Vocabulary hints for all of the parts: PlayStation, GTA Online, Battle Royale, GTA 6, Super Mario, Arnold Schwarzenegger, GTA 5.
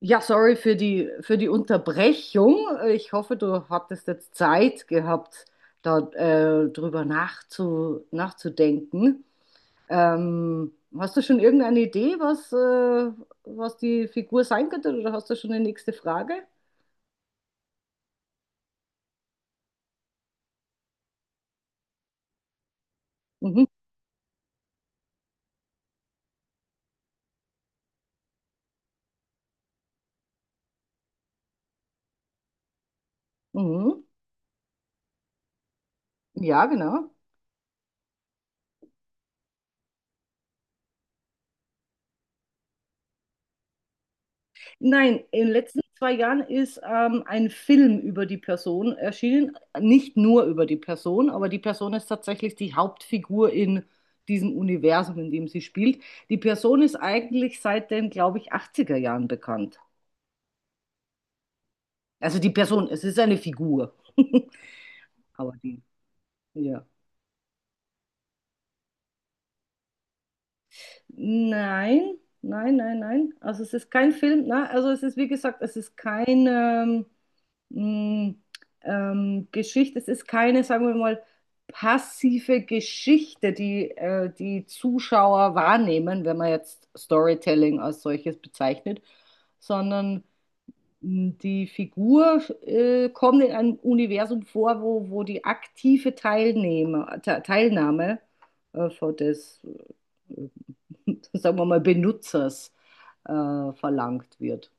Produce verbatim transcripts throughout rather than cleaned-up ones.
Ja, sorry für die, für die Unterbrechung. Ich hoffe, du hattest jetzt Zeit gehabt, da äh, drüber nachzu, nachzudenken. Ähm, Hast du schon irgendeine Idee, was, äh, was die Figur sein könnte, oder hast du schon eine nächste Frage? Mhm. Mhm. Ja, genau. Nein, in den letzten zwei Jahren ist ähm, ein Film über die Person erschienen. Nicht nur über die Person, aber die Person ist tatsächlich die Hauptfigur in diesem Universum, in dem sie spielt. Die Person ist eigentlich seit den, glaube ich, achtziger Jahren bekannt. Also die Person, es ist eine Figur. Aber die, ja. Nein, nein, nein, nein. Also es ist kein Film. Ne? Also es ist, wie gesagt, es ist kein. Ähm, mh, ähm, Geschichte. Es ist keine, sagen wir mal, passive Geschichte, die äh, die Zuschauer wahrnehmen, wenn man jetzt Storytelling als solches bezeichnet, sondern mh, die Figur äh, kommt in einem Universum vor, wo, wo die aktive Teilnehmer, Te Teilnahme äh, von des, äh, sagen wir mal, Benutzers äh, verlangt wird.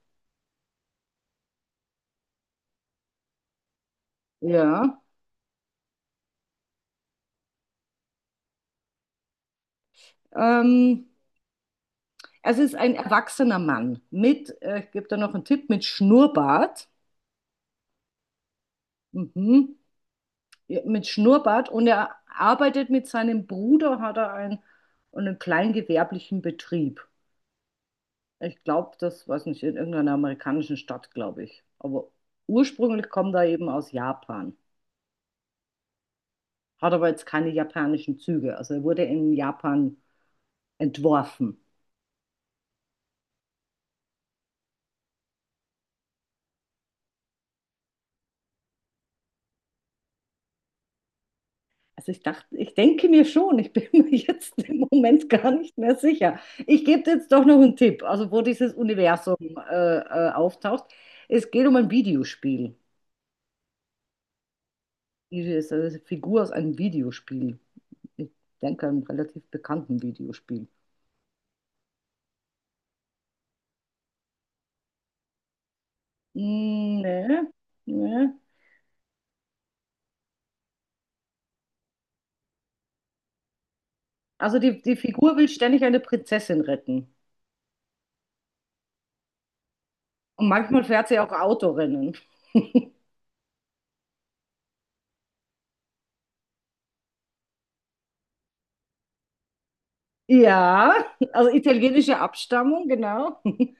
Ja, ähm, also es ist ein erwachsener Mann mit, äh, ich gebe da noch einen Tipp, mit Schnurrbart. Mhm. Ja, mit Schnurrbart und er arbeitet mit seinem Bruder, hat er einen, einen kleingewerblichen Betrieb. Ich glaube, das weiß nicht, in irgendeiner amerikanischen Stadt, glaube ich. Aber ursprünglich kommt er eben aus Japan, hat aber jetzt keine japanischen Züge. Also er wurde in Japan entworfen. Also ich dachte, ich denke mir schon, ich bin mir jetzt im Moment gar nicht mehr sicher. Ich gebe dir jetzt doch noch einen Tipp, also wo dieses Universum äh, äh, auftaucht. Es geht um ein Videospiel. Diese ist eine Figur aus einem Videospiel. Ich denke, einem relativ bekannten Videospiel. Hm, nee, nee. Also die, die Figur will ständig eine Prinzessin retten. Und manchmal fährt sie auch Autorennen. Ja, also italienische Abstammung, genau.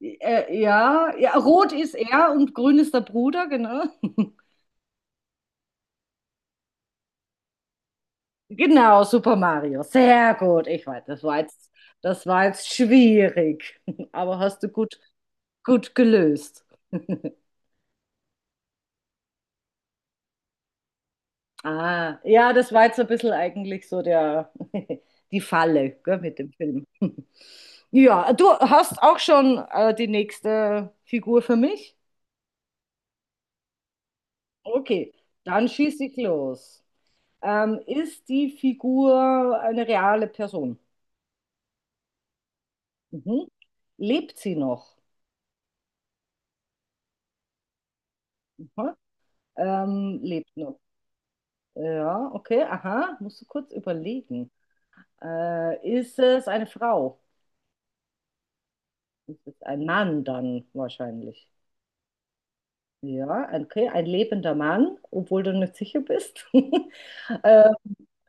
Äh, ja, ja, rot ist er und grün ist der Bruder, genau. Genau, Super Mario. Sehr gut. Ich weiß, das war jetzt, das war jetzt schwierig, aber hast du gut, gut gelöst. Ah, ja, das war jetzt ein bisschen eigentlich so der, die Falle, gell, mit dem Film. Ja, du hast auch schon äh, die nächste Figur für mich? Okay, dann schieße ich los. Ähm, ist die Figur eine reale Person? Mhm. Lebt sie noch? Aha. Ähm, lebt noch. Ja, okay, aha, musst du kurz überlegen. Äh, ist es eine Frau? Ist ein Mann dann wahrscheinlich. Ja, ein- okay, ein lebender Mann, obwohl du nicht sicher bist. äh,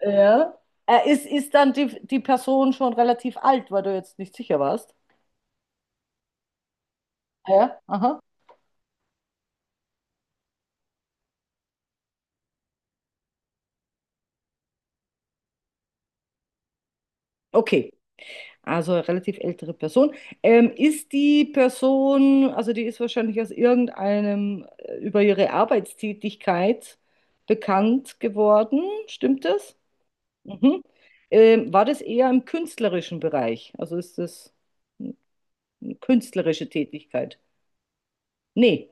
ja. Äh, ist, ist dann die, die Person schon relativ alt, weil du jetzt nicht sicher warst? Ja, aha. Okay. Also relativ ältere Person. Ähm, ist die Person, also die ist wahrscheinlich aus irgendeinem, äh, über ihre Arbeitstätigkeit bekannt geworden, stimmt das? Mhm. Ähm, war das eher im künstlerischen Bereich? Also ist das eine künstlerische Tätigkeit? Nee,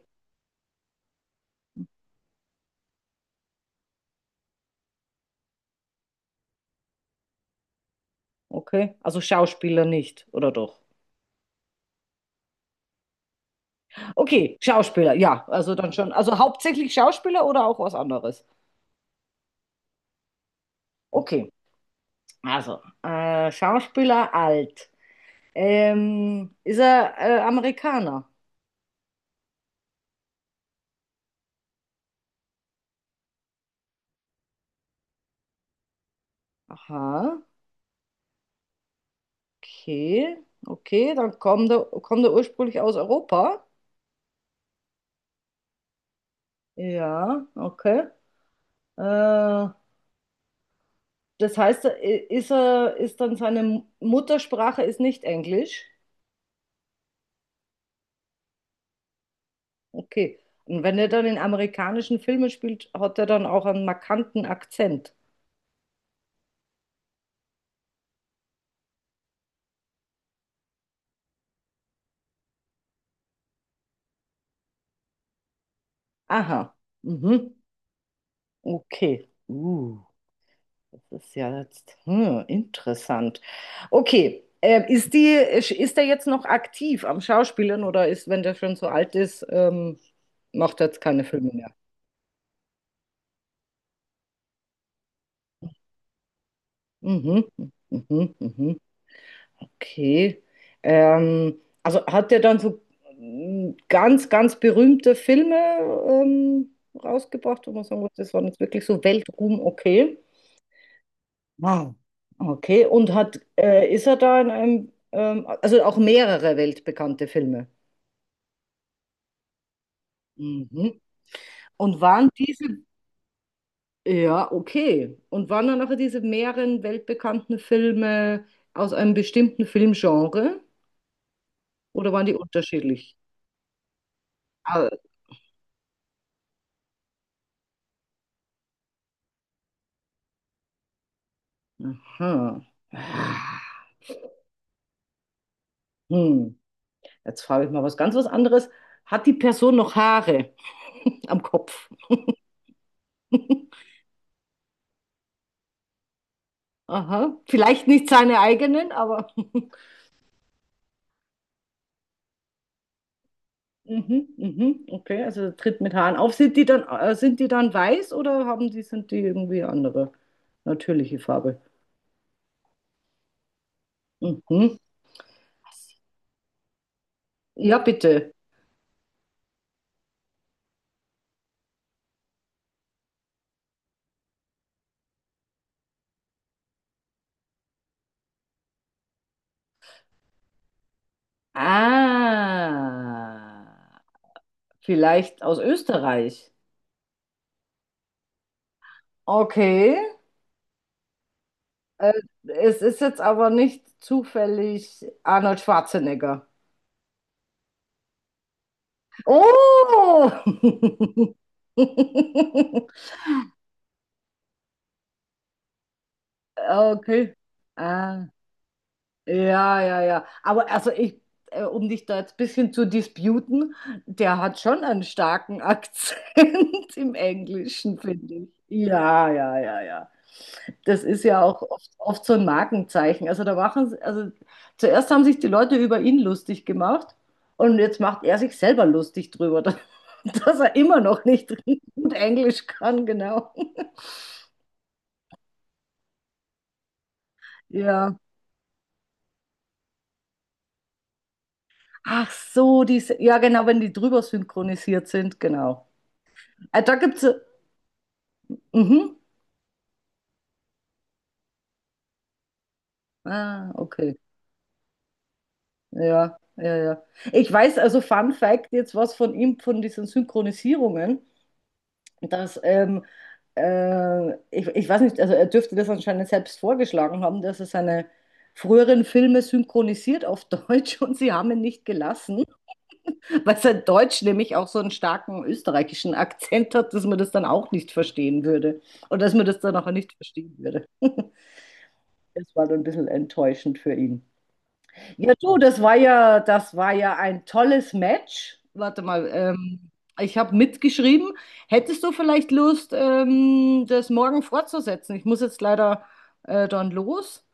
okay. Also Schauspieler nicht, oder doch? Okay, Schauspieler, ja, also dann schon. Also hauptsächlich Schauspieler oder auch was anderes? Okay, also äh, Schauspieler alt. Ähm, ist er äh, Amerikaner? Aha, okay, okay, dann kommt er, kommt er ursprünglich aus Europa. Ja, okay. Äh, das heißt, er- ist er, ist dann seine Muttersprache ist nicht Englisch? Okay. Und wenn er dann in amerikanischen Filmen spielt, hat er dann auch einen markanten Akzent. Aha, mhm, okay. Uh. Das ist ja jetzt hm, interessant. Okay, äh, ist die, ist, ist der jetzt noch aktiv am Schauspielern oder ist, wenn der schon so alt ist, ähm, macht er jetzt keine Filme mehr? Mhm, mhm, mhm, mhm. Okay. Ähm, also hat der dann so mm, ganz, ganz berühmte Filme ähm, rausgebracht, wo man sagen muss, das waren jetzt wirklich so Weltruhm, okay. Wow. Okay, und hat, äh, ist er da in einem, ähm, also auch mehrere weltbekannte Filme? Mhm. Und waren diese, ja, okay. Und waren dann nachher diese mehreren weltbekannten Filme aus einem bestimmten Filmgenre oder waren die unterschiedlich? Ah, aha. Ah, hm. Jetzt frage ich mal was ganz was anderes. Hat die Person noch Haare am Kopf? Aha. Vielleicht nicht seine eigenen, aber mhm, mhm. Okay, also tritt mit Haaren auf. Sind die dann, äh, sind die dann weiß oder haben die, sind die irgendwie andere natürliche Farbe? Mhm. Ja, bitte. Ah, vielleicht aus Österreich. Okay. Äh, es ist jetzt aber nicht zufällig Arnold Schwarzenegger. Oh! Okay. Ah. Ja, ja, ja. Aber also ich, äh, um dich da jetzt ein bisschen zu disputen, der hat schon einen starken Akzent im Englischen, finde ich. Ja, ja, ja, ja. Das ist ja auch oft, oft so ein Markenzeichen. Also da machen sie, also zuerst haben sich die Leute über ihn lustig gemacht und jetzt macht er sich selber lustig drüber, dass, dass er immer noch nicht gut Englisch kann, genau. Ja. Ach so, diese, ja genau, wenn die drüber synchronisiert sind, genau. Ah, da gibt's. äh, Mhm. Ah, okay. Ja, ja, ja. Ich weiß also, Fun Fact, jetzt was von ihm, von diesen Synchronisierungen, dass, ähm, äh, ich, ich weiß nicht, also er dürfte das anscheinend selbst vorgeschlagen haben, dass er seine früheren Filme synchronisiert auf Deutsch und sie haben ihn nicht gelassen, weil sein Deutsch nämlich auch so einen starken österreichischen Akzent hat, dass man das dann auch nicht verstehen würde und dass man das dann auch nicht verstehen würde. Das war dann ein bisschen enttäuschend für ihn. Ja, du, das war ja, das war ja, ein tolles Match. Warte mal, ähm, ich habe mitgeschrieben. Hättest du vielleicht Lust, ähm, das morgen fortzusetzen? Ich muss jetzt leider äh, dann los.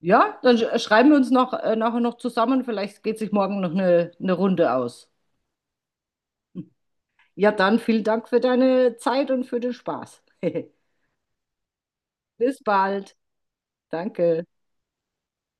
Ja, dann sch- schreiben wir uns noch, äh, nachher noch zusammen. Vielleicht geht sich morgen noch eine, eine Runde aus. Hm. Ja, dann vielen Dank für deine Zeit und für den Spaß. Bis bald. Danke.